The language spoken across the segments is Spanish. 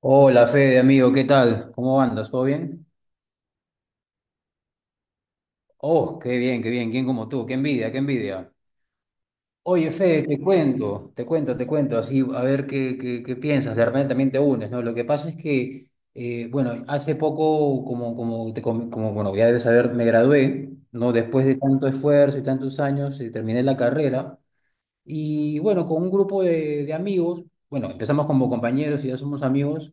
Hola Fede, amigo, ¿qué tal? ¿Cómo andas? ¿Todo bien? Oh, qué bien, ¿quién como tú? ¡Qué envidia, qué envidia! Oye Fede, te cuento, te cuento, te cuento, así a ver qué piensas, de repente también te unes, ¿no? Lo que pasa es que, bueno, hace poco, como, bueno, ya debes saber, me gradué, ¿no? Después de tanto esfuerzo y tantos años, terminé la carrera. Y bueno, con un grupo de amigos, bueno, empezamos como compañeros y ya somos amigos,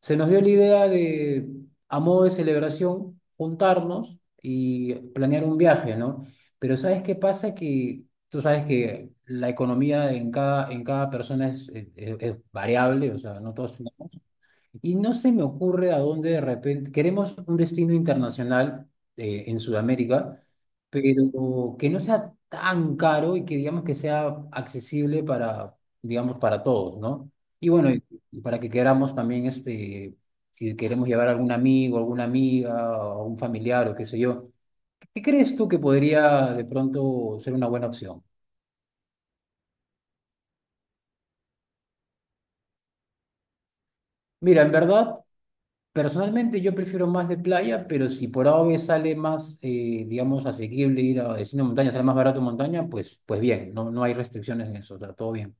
se nos dio la idea de, a modo de celebración, juntarnos y planear un viaje, ¿no? Pero ¿sabes qué pasa? Que tú sabes que la economía en cada persona es variable, o sea, no todos... Y no se me ocurre a dónde de repente, queremos un destino internacional en Sudamérica, pero que no sea tan caro y que digamos que sea accesible para, digamos, para todos, ¿no? Y bueno, y para que queramos también, si queremos llevar a algún amigo, alguna amiga, o un familiar o qué sé yo, ¿qué crees tú que podría de pronto ser una buena opción? Mira, en verdad, personalmente yo prefiero más de playa, pero si por A o B sale más, digamos, asequible ir a destino de montaña, sale más barato montaña, pues bien, no, no hay restricciones en eso, o sea, todo bien.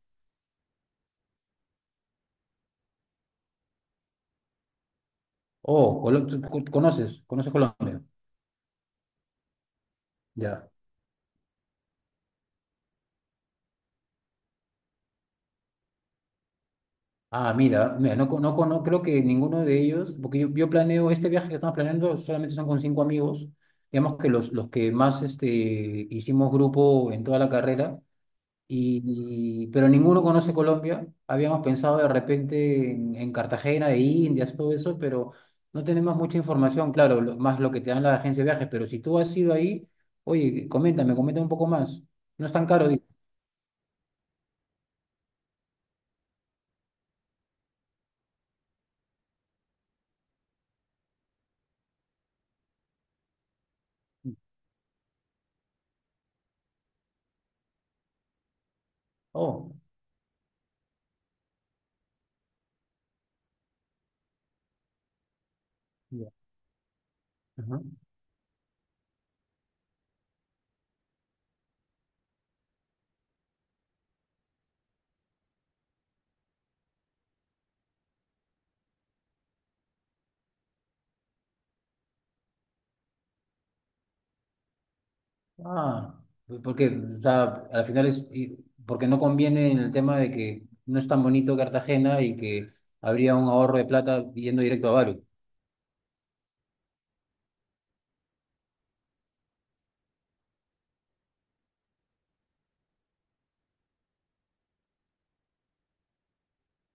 Oh, ¿ conoces Colombia? Ya. Ah, mira, mira, no, no, creo que ninguno de ellos, porque yo planeo, este viaje que estamos planeando solamente son con cinco amigos, digamos que los que más hicimos grupo en toda la carrera. Y, pero ninguno conoce Colombia. Habíamos pensado de repente en Cartagena de Indias, todo eso, pero no tenemos mucha información, claro, más lo que te dan las agencias de viajes. Pero si tú has ido ahí, oye, coméntame un poco más. No es tan caro, digo. Oh, ya, ajá. Ah, pues porque, o sea, al final porque no conviene en el tema de que no es tan bonito Cartagena y que habría un ahorro de plata yendo directo a Bari.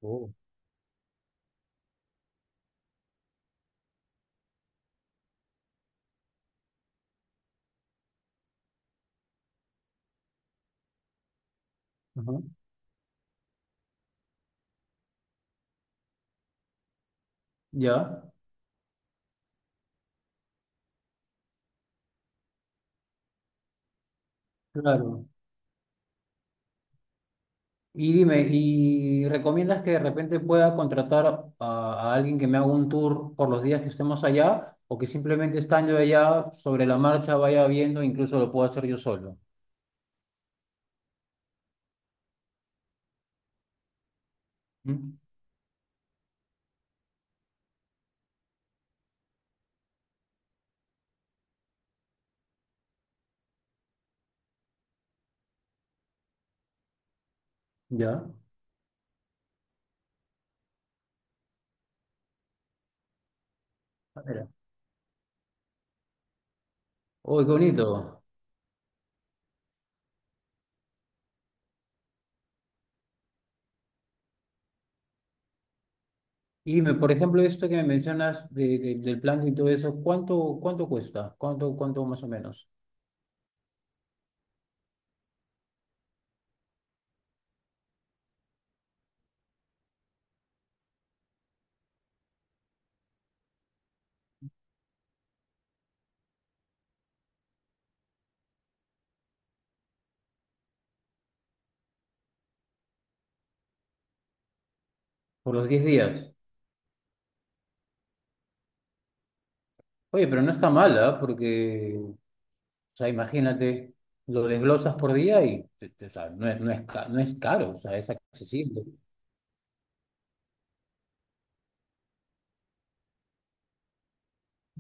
Oh, ajá. Ya, claro. Y dime, ¿y recomiendas que de repente pueda contratar a alguien que me haga un tour por los días que estemos allá? ¿O que simplemente estando allá sobre la marcha vaya viendo, e incluso lo puedo hacer yo solo? ¿Mm? ¿Ya? Ah, mira. Uy, qué bonito. Y dime, por ejemplo, esto que me mencionas del plan y todo eso, ¿cuánto cuesta? ¿Cuánto más o menos? Por los 10 días. Oye, pero no está mal, ¿ah? Porque, o sea, imagínate, lo desglosas por día y o sea, no es, no es, no es caro, o sea, es accesible.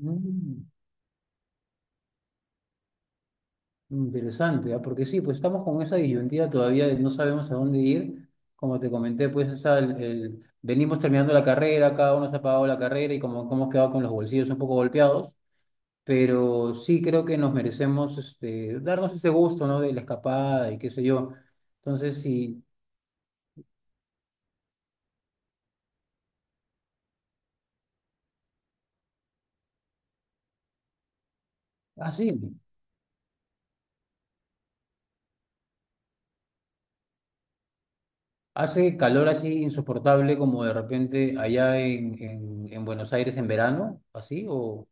Mm, interesante, ah, porque sí, pues estamos con esa disyuntiva todavía de no sabemos a dónde ir. Como te comenté, pues venimos terminando la carrera, cada uno se ha pagado la carrera y como hemos quedado con los bolsillos un poco golpeados. Pero sí creo que nos merecemos darnos ese gusto, ¿no? De la escapada y qué sé yo. Entonces, sí, así. Hace calor así insoportable como de repente allá en Buenos Aires en verano, así o...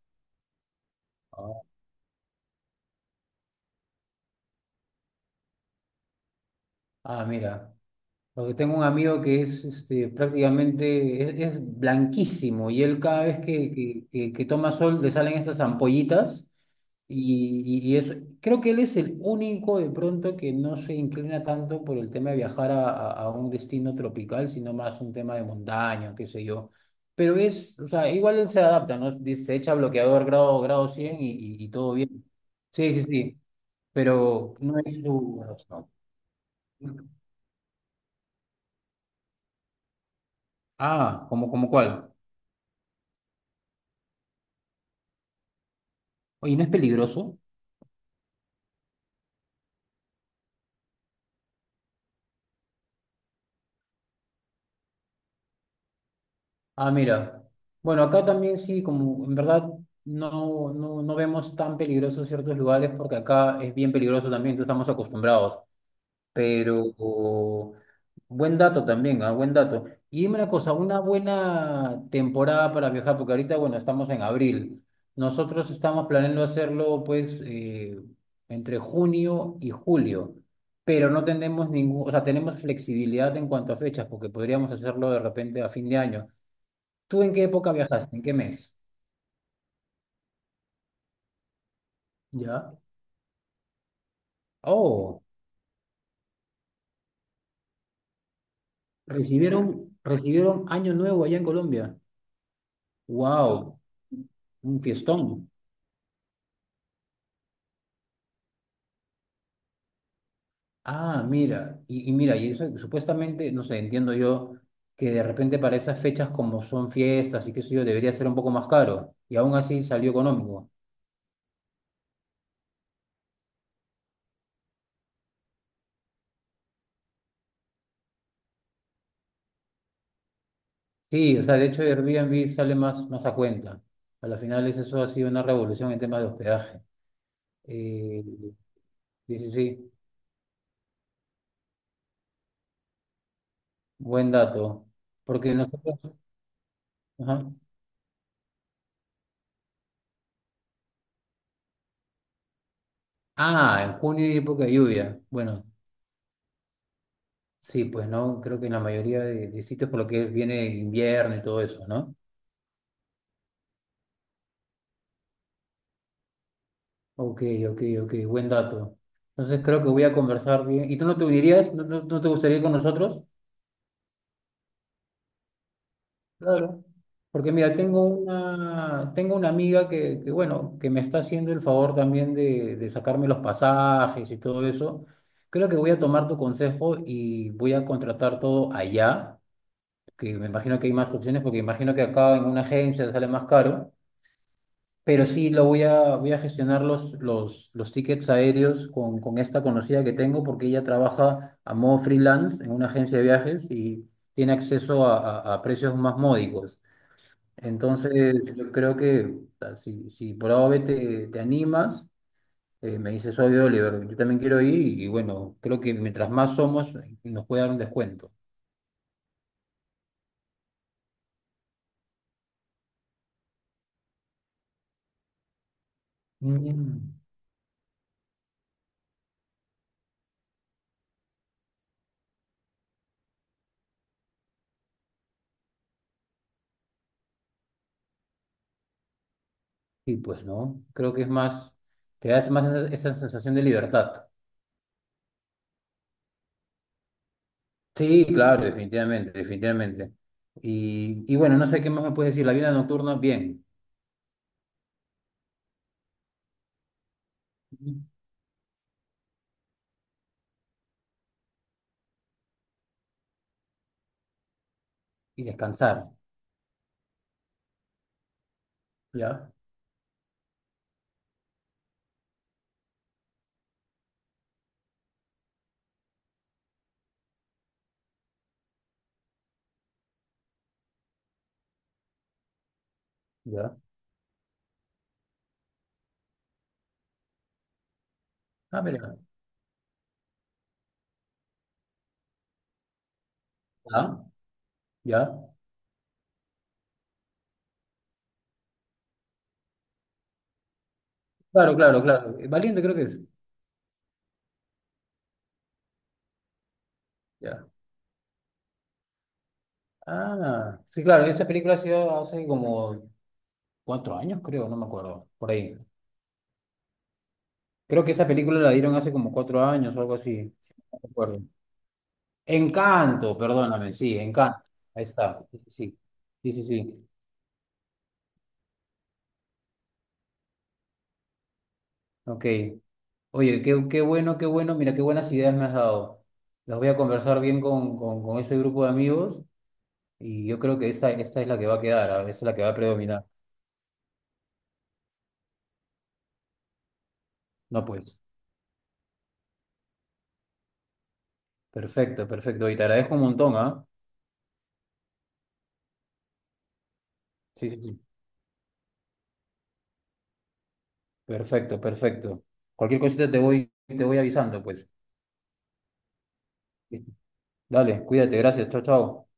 Ah, ah, mira, porque tengo un amigo que es prácticamente, es blanquísimo y él cada vez que toma sol le salen estas ampollitas. Creo que él es el único de pronto que no se inclina tanto por el tema de viajar a un destino tropical, sino más un tema de montaña, qué sé yo. Pero o sea, igual él se adapta, ¿no? Dice, se echa bloqueador grado 100 y todo bien. Sí, sí, sí, pero no es su... no. Ah, ¿como cuál? Oye, ¿no es peligroso? Ah, mira. Bueno, acá también sí, como en verdad no, no, no vemos tan peligrosos ciertos lugares porque acá es bien peligroso también, entonces estamos acostumbrados. Pero buen dato también, ah, buen dato. Y dime una cosa, una buena temporada para viajar, porque ahorita, bueno, estamos en abril. Nosotros estamos planeando hacerlo pues entre junio y julio, pero no tenemos ningún, o sea, tenemos flexibilidad en cuanto a fechas, porque podríamos hacerlo de repente a fin de año. ¿Tú en qué época viajaste? ¿En qué mes? ¿Ya? Oh, recibieron Año Nuevo allá en Colombia. ¡Wow! Un fiestón. Ah, mira, y mira, y eso supuestamente, no sé, entiendo yo que de repente para esas fechas como son fiestas y qué sé yo, debería ser un poco más caro y aún así salió económico. Sí, o sea, de hecho Airbnb sale más a cuenta. A la final eso ha sido una revolución en temas de hospedaje. Eh, sí, sí, sí, buen dato. Porque nosotros, ajá. Ah, en junio hay época de lluvia. Bueno, sí, pues no, creo que en la mayoría de sitios por lo que viene invierno y todo eso, ¿no? Ok, ok, ok, buen dato. Entonces creo que voy a conversar bien. ¿Y tú no te unirías? ¿No, no te gustaría ir con nosotros? Claro. Porque mira, tengo una amiga que, bueno, que me está haciendo el favor también de sacarme los pasajes y todo eso. Creo que voy a tomar tu consejo y voy a contratar todo allá que me imagino que hay más opciones, porque imagino que acá en una agencia sale más caro, pero sí lo voy a gestionar los tickets aéreos con esta conocida que tengo, porque ella trabaja a modo freelance en una agencia de viajes y tiene acceso a precios más módicos. Entonces, yo creo que o sea, si por A o B te animas, me dices, oye, Oliver, yo también quiero ir y bueno, creo que mientras más somos, nos puede dar un descuento. Mm. Y pues no, creo que es más, te da más esa sensación de libertad. Sí, claro, definitivamente, definitivamente. Y bueno, no sé qué más me puedes decir. La vida nocturna, bien. Ujú. Y descansar. Ya, ya. Ah, mira. Ya, ya. Claro, claro, claro. Valiente creo que es. Ya. Ah, sí, claro. Esa película ha sido hace como 4 años, creo, no me acuerdo. Por ahí. Creo que esa película la dieron hace como 4 años o algo así. Sí, no me acuerdo. Encanto, perdóname, sí, Encanto. Ahí está. Sí, sí, sí, sí. Ok. Oye, qué bueno, qué bueno. Mira, qué buenas ideas me has dado. Las voy a conversar bien con ese grupo de amigos y yo creo que esta es la que va a quedar, ah, esta es la que va a predominar. No, pues. Perfecto, perfecto. Y te agradezco un montón, ¿ah? Sí, sí, sí. Perfecto, perfecto. Cualquier cosita te voy avisando, pues. Dale, cuídate, gracias. Chao, chao.